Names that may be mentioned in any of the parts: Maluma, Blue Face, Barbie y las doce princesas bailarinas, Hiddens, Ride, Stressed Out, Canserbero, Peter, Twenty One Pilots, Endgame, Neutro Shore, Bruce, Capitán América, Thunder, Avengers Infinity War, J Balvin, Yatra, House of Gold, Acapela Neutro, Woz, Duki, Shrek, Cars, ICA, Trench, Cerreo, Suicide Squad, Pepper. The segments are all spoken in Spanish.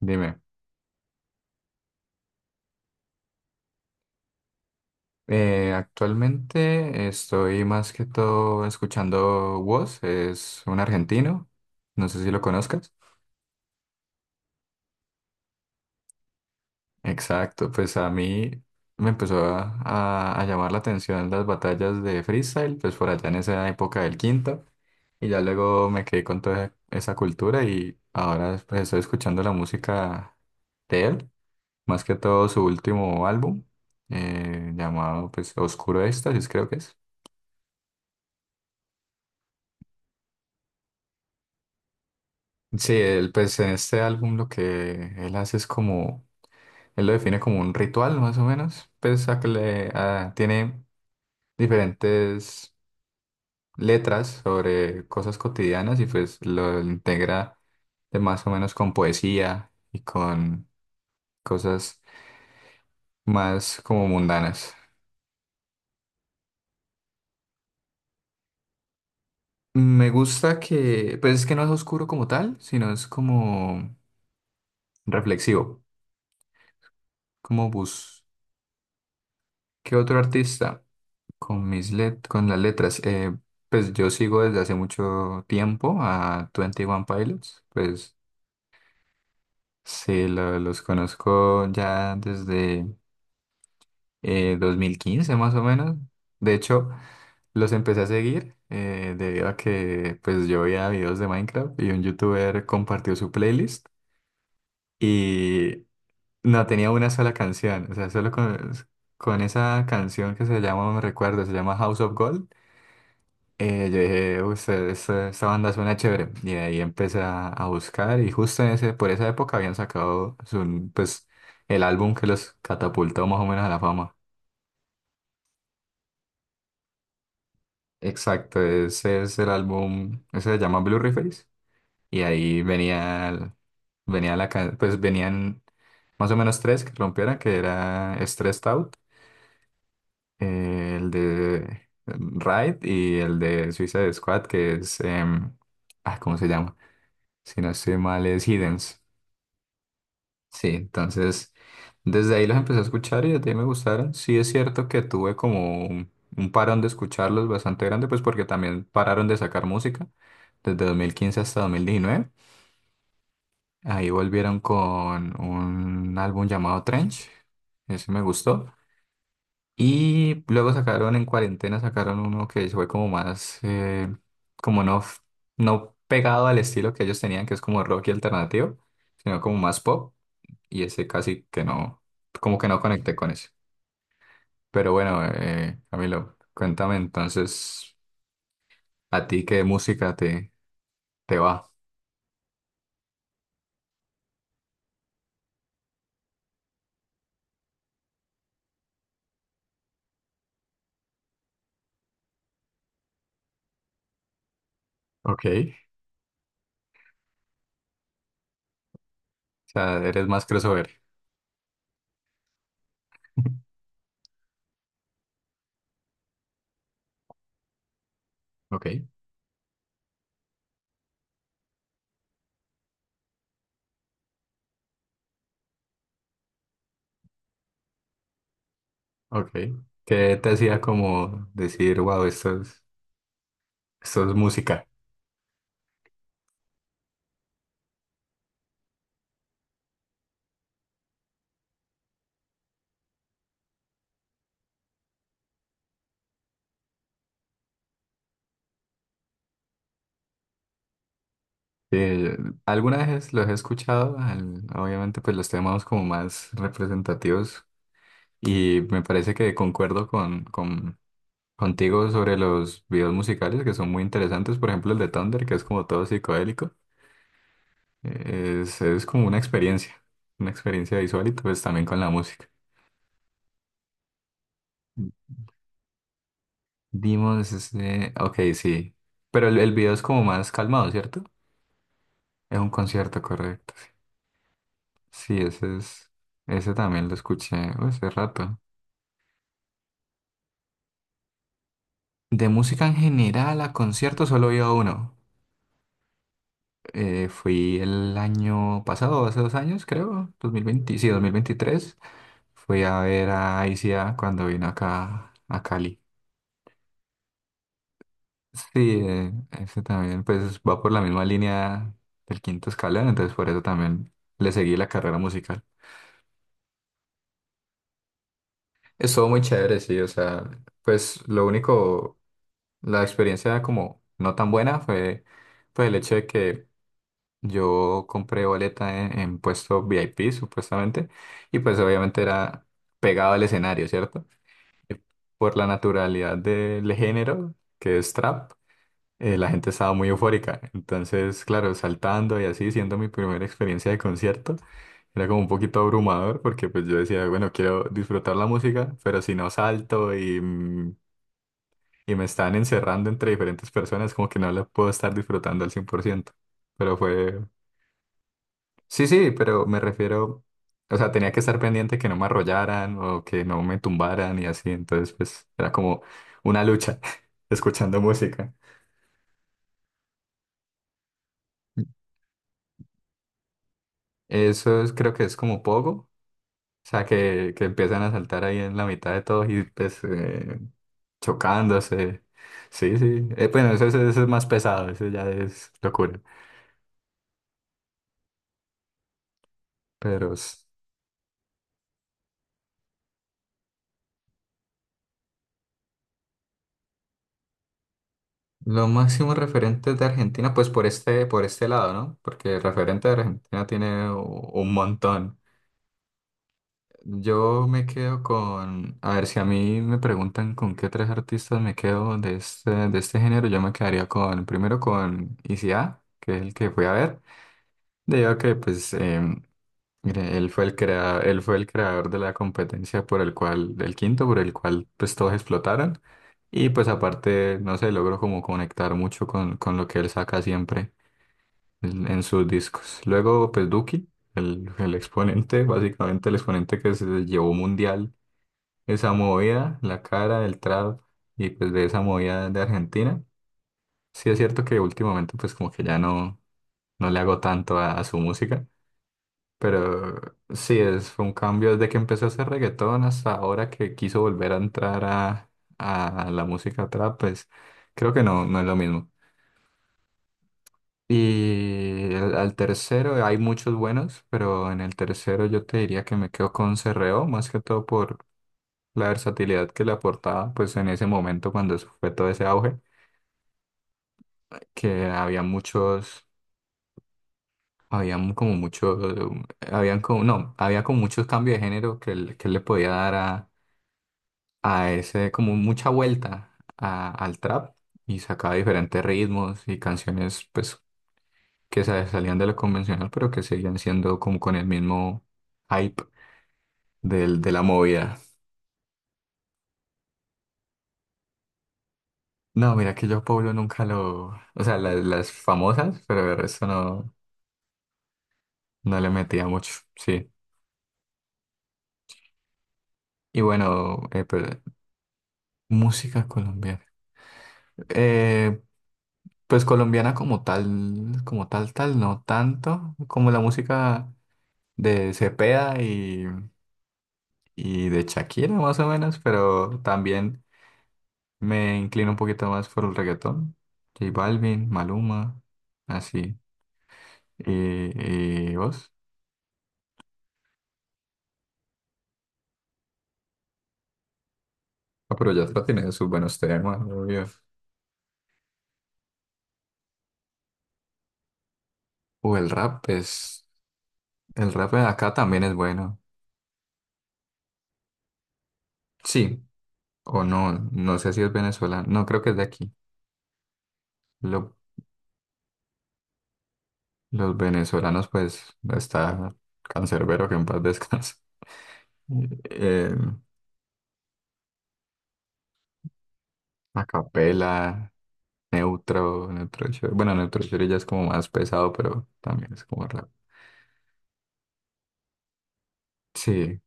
Dime, actualmente estoy más que todo escuchando Woz, es un argentino, no sé si lo conozcas. Exacto, pues a mí me empezó a llamar la atención las batallas de freestyle, pues por allá en esa época del quinto, y ya luego me quedé con toda esa cultura y ahora pues estoy escuchando la música de él, más que todo su último álbum, llamado pues Oscuro Éxtasis creo que es. Sí, él, pues en este álbum lo que él hace es como, él lo define como un ritual más o menos, pues a que le, a- tiene diferentes letras sobre cosas cotidianas y pues lo integra de más o menos con poesía y con cosas más como mundanas. Me gusta que, pues es que no es oscuro como tal, sino es como reflexivo, como bus. ¿Qué otro artista? Con las letras. Pues yo sigo desde hace mucho tiempo a Twenty One Pilots. Pues sí, los conozco ya desde 2015 más o menos. De hecho, los empecé a seguir debido a que pues yo veía videos de Minecraft y un youtuber compartió su playlist y no tenía una sola canción. O sea, solo con esa canción que se llama, no me recuerdo, se llama House of Gold. Yo dije, "Uy, esta banda suena chévere." Y ahí empecé a buscar y justo en ese, por esa época habían sacado pues, el álbum que los catapultó más o menos a la fama. Exacto, ese es el álbum, ese se llama Blue Face y ahí venía, venía pues venían más o menos tres que rompieran, que era Stressed Out, el de Ride y el de Suicide Squad, que es, ah, ¿cómo se llama? Si no estoy mal, es Hiddens. Sí, entonces desde ahí los empecé a escuchar y desde ahí me gustaron. Sí es cierto que tuve como un parón de escucharlos bastante grande, pues porque también pararon de sacar música desde 2015 hasta 2019. Ahí volvieron con un álbum llamado Trench, ese me gustó. Y luego sacaron en cuarentena, sacaron uno que fue como más, como no, no pegado al estilo que ellos tenían, que es como rock y alternativo, sino como más pop y ese casi que no, como que no conecté con eso. Pero bueno, Camilo, cuéntame entonces, ¿a ti qué música te va? Ok, o sea, eres más crossover. Ok, ok. ¿Qué te hacía como decir, wow, esto esto es música? Eh, algunas veces los he escuchado, obviamente pues los temas como más representativos y me parece que concuerdo contigo sobre los videos musicales que son muy interesantes. Por ejemplo, el de Thunder, que es como todo psicodélico. Es como una experiencia visual y pues también con la música. Dimos este... Ok, sí. Pero el video es como más calmado, ¿cierto? Es un concierto, correcto. Sí, sí, ese es... Ese también lo escuché hace rato. De música en general a concierto solo he ido a uno. Fui el año pasado, hace 2 años, creo. 2020, sí, 2023. Fui a ver a ICA cuando vino acá a Cali. Sí, ese también pues va por la misma línea del quinto escalón, entonces por eso también le seguí la carrera musical. Estuvo muy chévere, sí, o sea, pues lo único, la experiencia como no tan buena fue pues el hecho de que yo compré boleta en puesto VIP supuestamente y pues obviamente era pegado al escenario, ¿cierto? Y por la naturalidad del género, que es trap. La gente estaba muy eufórica. Entonces, claro, saltando y así, siendo mi primera experiencia de concierto, era como un poquito abrumador porque pues yo decía, bueno, quiero disfrutar la música, pero si no salto y me están encerrando entre diferentes personas, como que no la puedo estar disfrutando al 100%. Pero fue... Sí, sí, pero me refiero... O sea, tenía que estar pendiente que no me arrollaran o que no me tumbaran y así. Entonces, pues era como una lucha escuchando música. Eso creo que es como poco. O sea, que empiezan a saltar ahí en la mitad de todos y pues chocándose. Sí, sí. Bueno, eso es más pesado, eso ya es locura. Pero lo máximo referente de Argentina, pues por este lado, ¿no? Porque referente de Argentina tiene un montón. Yo me quedo con, a ver, si a mí me preguntan con qué tres artistas me quedo de este género, yo me quedaría con, primero con ICA, que es el que fui a ver. Digo que pues... Mire, él fue el él fue el creador de la competencia por el cual, del quinto, por el cual pues todos explotaron. Y pues aparte, no sé, logró como conectar mucho con lo que él saca siempre en sus discos. Luego, pues Duki, el exponente, básicamente el exponente que se llevó mundial esa movida, la cara, el trap y pues de esa movida de Argentina. Sí es cierto que últimamente pues como que ya no, no le hago tanto a su música. Pero sí, es, fue un cambio desde que empezó a hacer reggaetón hasta ahora que quiso volver a entrar a la música trap, pues creo que no, no es lo mismo. Y al tercero hay muchos buenos, pero en el tercero yo te diría que me quedo con Cerreo, más que todo por la versatilidad que le aportaba, pues en ese momento cuando eso fue todo ese auge, que había muchos, habían como, no, había como muchos cambios de género que, que él le podía dar a ese, como mucha vuelta al trap y sacaba diferentes ritmos y canciones pues que salían de lo convencional pero que seguían siendo como con el mismo hype del, de la movida. No, mira que yo a Pablo nunca lo, o sea, las, famosas, pero el resto no, no le metía mucho, sí. Y bueno, música colombiana. Eh, pues colombiana como tal, no tanto como la música de Cepeda y de Shakira más o menos, pero también me inclino un poquito más por el reggaetón. J Balvin, Maluma, así. ¿Y, vos? Ah, pero Yatra tiene sus buenos temas, obvio. O el rap es... El rap de acá también es bueno. Sí, o no, no sé si es venezolano. No, creo que es de aquí. Lo- los venezolanos, pues, está Cancerbero que en paz descanse. Eh, Acapela Neutro Shore. Bueno, Neutro Shore ya es como más pesado, pero también es como rap. Sí,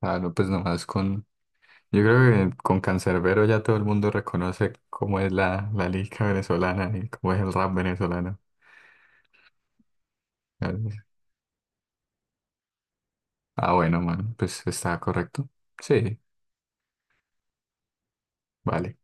claro, pues nomás con. Yo creo que con Canserbero ya todo el mundo reconoce cómo es la lírica venezolana y cómo es el rap venezolano. Ah, bueno, man, pues está correcto. Sí, vale.